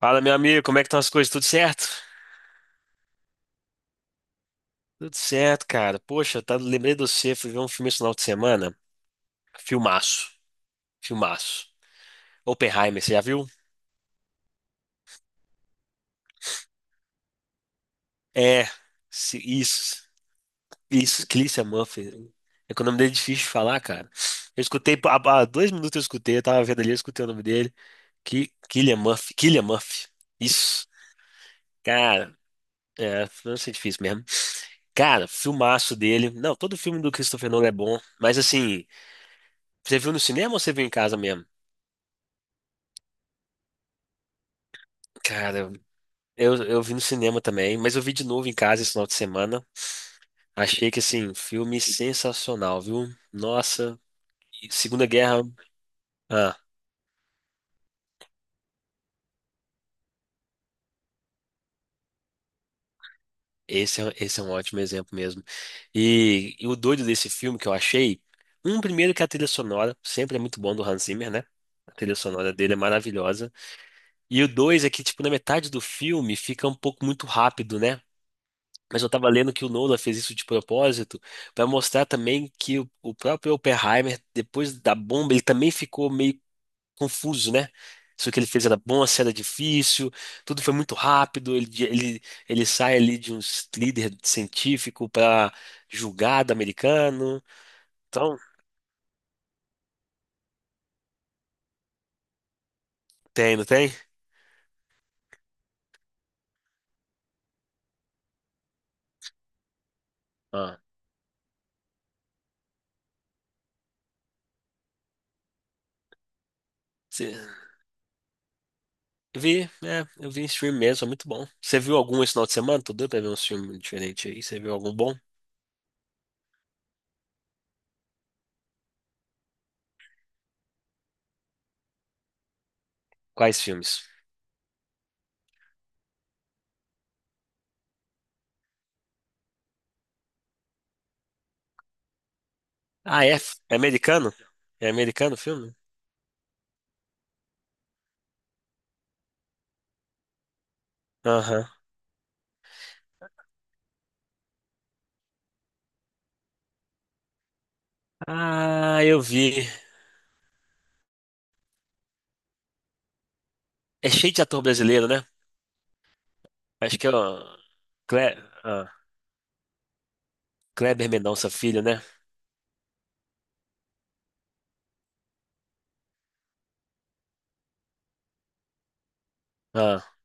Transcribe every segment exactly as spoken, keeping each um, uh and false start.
Fala, meu amigo, como é que estão as coisas? Tudo certo? Tudo certo, cara. Poxa, tá, lembrei de você, fui ver um filme esse final de semana. Filmaço, filmaço. Oppenheimer, você já viu? É, se- isso, isso, Cillian Murphy. É que o nome dele é difícil de falar, cara. Eu escutei, há, há dois minutos eu escutei, eu tava vendo ali, eu escutei o nome dele. Que, Cillian Murphy, Cillian Murphy. Isso, cara, é, não sei, difícil mesmo. Cara, filmaço dele. Não, todo filme do Christopher Nolan é bom, mas assim, você viu no cinema ou você viu em casa mesmo? Cara, eu, eu vi no cinema também, mas eu vi de novo em casa esse final de semana. Achei que, assim, filme sensacional, viu? Nossa, e Segunda Guerra. Ah, esse, é- esse é um ótimo exemplo mesmo. E, e o doido desse filme que eu achei, um primeiro que a trilha sonora, sempre é muito bom do Hans Zimmer, né? A trilha sonora dele é maravilhosa. E o dois é que, tipo, na metade do filme fica um pouco muito rápido, né? Mas eu tava lendo que o Nolan fez isso de propósito para mostrar também que o, o próprio Oppenheimer, depois da bomba, ele também ficou meio confuso, né? Se o que ele fez era bom, se era difícil, tudo foi muito rápido. Ele, ele, ele sai ali de um líder científico para julgado americano. Então, tem, não tem? Ah, cê- eu vi, é, eu vi em stream mesmo, é muito bom. Você viu algum esse final de semana? Tô doido pra ver um filme diferente aí. Você viu algum bom? Quais filmes? Ah, é? É americano? É americano o filme? Aham. Ah, eu vi. É cheio de ator brasileiro, né? Acho que é o Cle... ah, Kleber Mendonça Filho, né? Ah,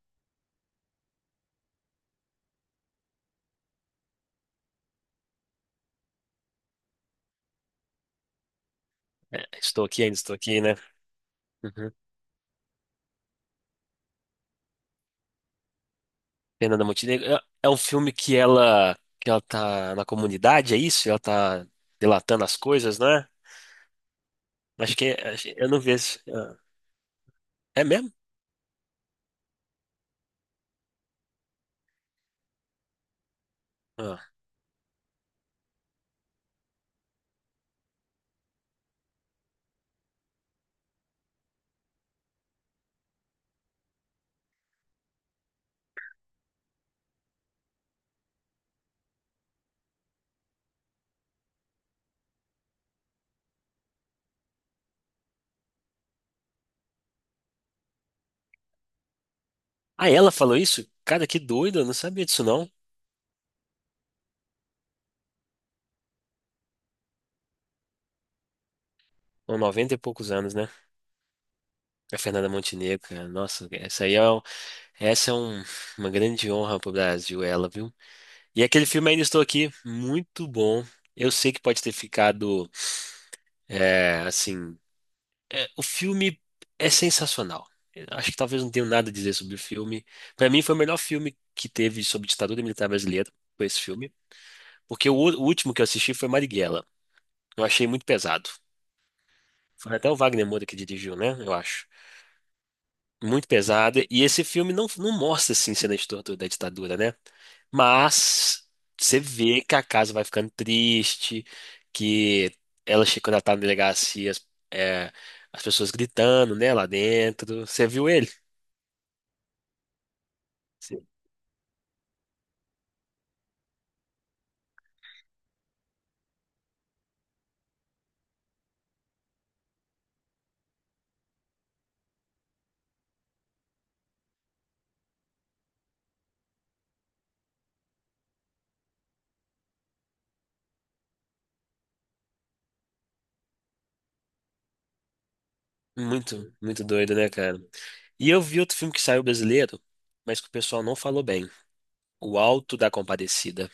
é, estou aqui, ainda estou aqui, né? Uhum. Fernanda Montenegro. É é um filme que ela que ela tá na comunidade, é isso? Ela tá delatando as coisas, né? Acho que é- acho- eu não vi esse. Ah, é mesmo? Ah. Ah, ela falou isso? Cara, que doido, eu não sabia disso não. Com noventa e poucos anos, né? A Fernanda Montenegro, cara. Nossa, essa aí é, um- essa é um- uma grande honra pro Brasil, ela, viu? E aquele filme Ainda Estou Aqui, muito bom. Eu sei que pode ter ficado, é, assim, é, o filme é sensacional. Eu acho que talvez não tenha nada a dizer sobre o filme. Para mim foi o melhor filme que teve sobre ditadura militar brasileira, foi esse filme, porque o, o último que eu assisti foi Marighella. Eu achei muito pesado. Foi até o Wagner Moura que dirigiu, né? Eu acho. Muito pesada. E esse filme não, não mostra assim cena de tortura da ditadura, né? Mas você vê que a casa vai ficando triste, que ela chega quando ela tá na delegacia, as é, as pessoas gritando, né, lá dentro. Você viu ele? Sim. Muito, muito doido, né, cara? E eu vi outro filme que saiu brasileiro, mas que o pessoal não falou bem. O Alto da Compadecida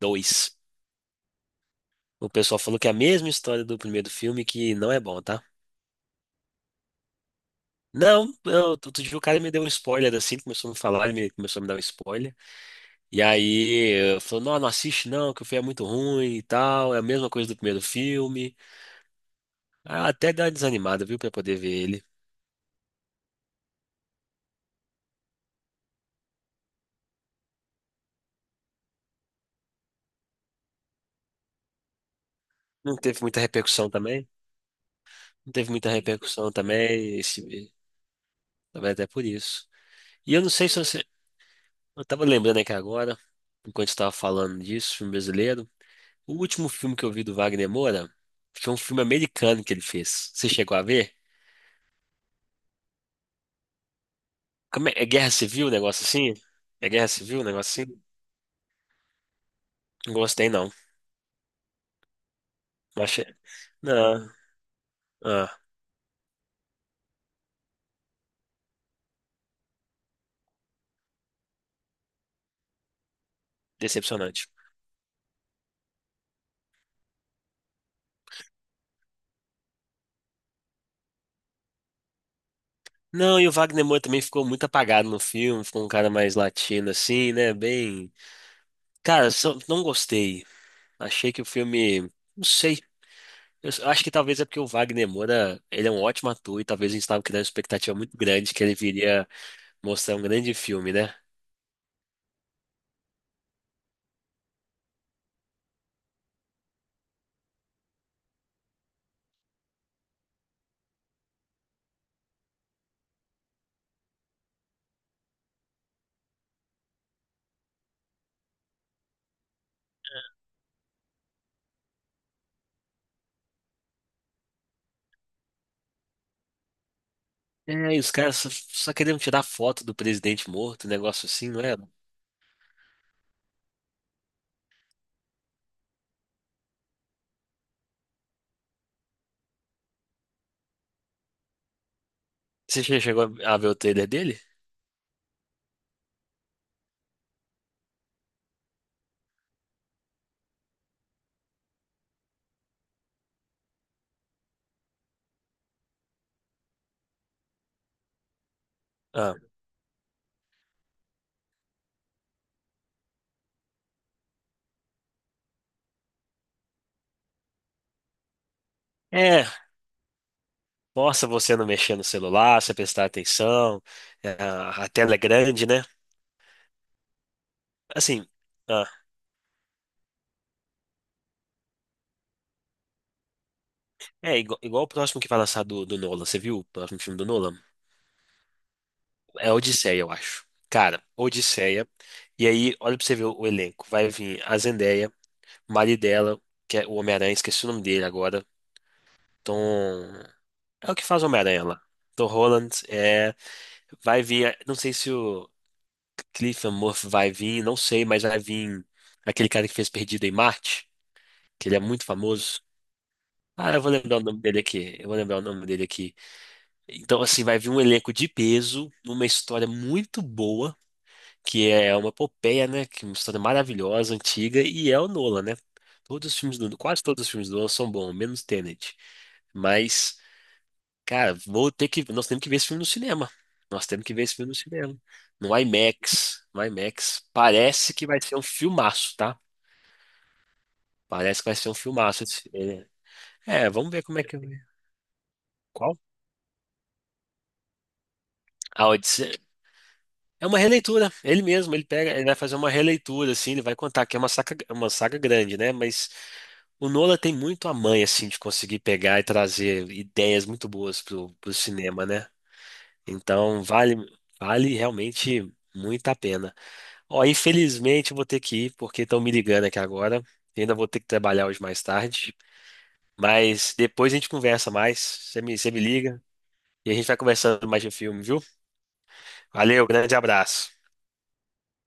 dois. O pessoal falou que é a mesma história do primeiro filme, que não é bom, tá? Não, não, outro dia o cara me deu um spoiler assim, começou a me falar, ele me- começou a me dar um spoiler. E aí eu falou, não, não assiste não, que o filme é muito ruim e tal, é a mesma coisa do primeiro filme. Ah, até deu uma desanimada, viu, pra poder ver ele. Não teve muita repercussão também. Não teve muita repercussão também, esse, talvez até por isso. E eu não sei se você. Eu tava lembrando aqui agora, enquanto estava falando disso, filme brasileiro. O último filme que eu vi do Wagner Moura foi um filme americano que ele fez. Você chegou a ver? Como é, é guerra civil o negócio assim? É guerra civil o negócio assim? Não gostei, não. Não achei. Não, ah, decepcionante. Não, e o Wagner Moura também ficou muito apagado no filme, ficou um cara mais latino assim, né? Bem. Cara, só- não gostei. Achei que o filme. Não sei. Eu s- acho que talvez é porque o Wagner Moura, ele é um ótimo ator e talvez a gente estava criando uma expectativa muito grande que ele viria mostrar um grande filme, né? É, e os caras só, só queriam tirar foto do presidente morto, um negócio assim, não era? Você che- chegou a ver o trailer dele? Ah, é, mostra você não mexer no celular, você prestar atenção, é, a tela é grande, né? Assim, ah, é igual, igual o próximo que vai lançar do, do Nolan, você viu o próximo filme do Nolan? É Odisseia, eu acho. Cara, Odisseia, e aí, olha pra você ver o, o elenco, vai vir a Zendaya, o marido dela, que é o Homem-Aranha, esqueci o nome dele agora, Tom... É o que faz o Homem-Aranha lá. Tom Holland, é... Vai vir, não sei se o... Cillian Murphy vai vir, não sei, mas vai vir aquele cara que fez Perdido em Marte, que ele é muito famoso. Ah, eu vou lembrar o nome dele aqui. Eu vou lembrar o nome dele aqui. Então, assim, vai vir um elenco de peso, numa história muito boa, que é uma epopeia, né? Que é uma história maravilhosa, antiga, e é o Nolan, né? Todos os filmes do, quase todos os filmes do Nolan são bons, menos Tenet. Mas cara, vou ter que. Nós temos que ver esse filme no cinema. Nós temos que ver esse filme no cinema. No IMAX. No IMAX. Parece que vai ser um filmaço, tá? Parece que vai ser um filmaço. Esse- ele- É, vamos ver como é que. Qual? A Odisseia. É uma releitura. Ele mesmo, ele pega, ele vai fazer uma releitura, assim, ele vai contar que é uma saga, uma saga grande, né? Mas o Nola tem muito a mãe, assim, de conseguir pegar e trazer ideias muito boas pro, pro cinema, né? Então, vale, vale realmente muito a pena. Ó, infelizmente eu vou ter que ir, porque estão me ligando aqui agora. E ainda vou ter que trabalhar hoje mais tarde. Mas depois a gente conversa mais. Você me, você me liga e a gente vai conversando mais de filme, viu? Valeu, grande abraço.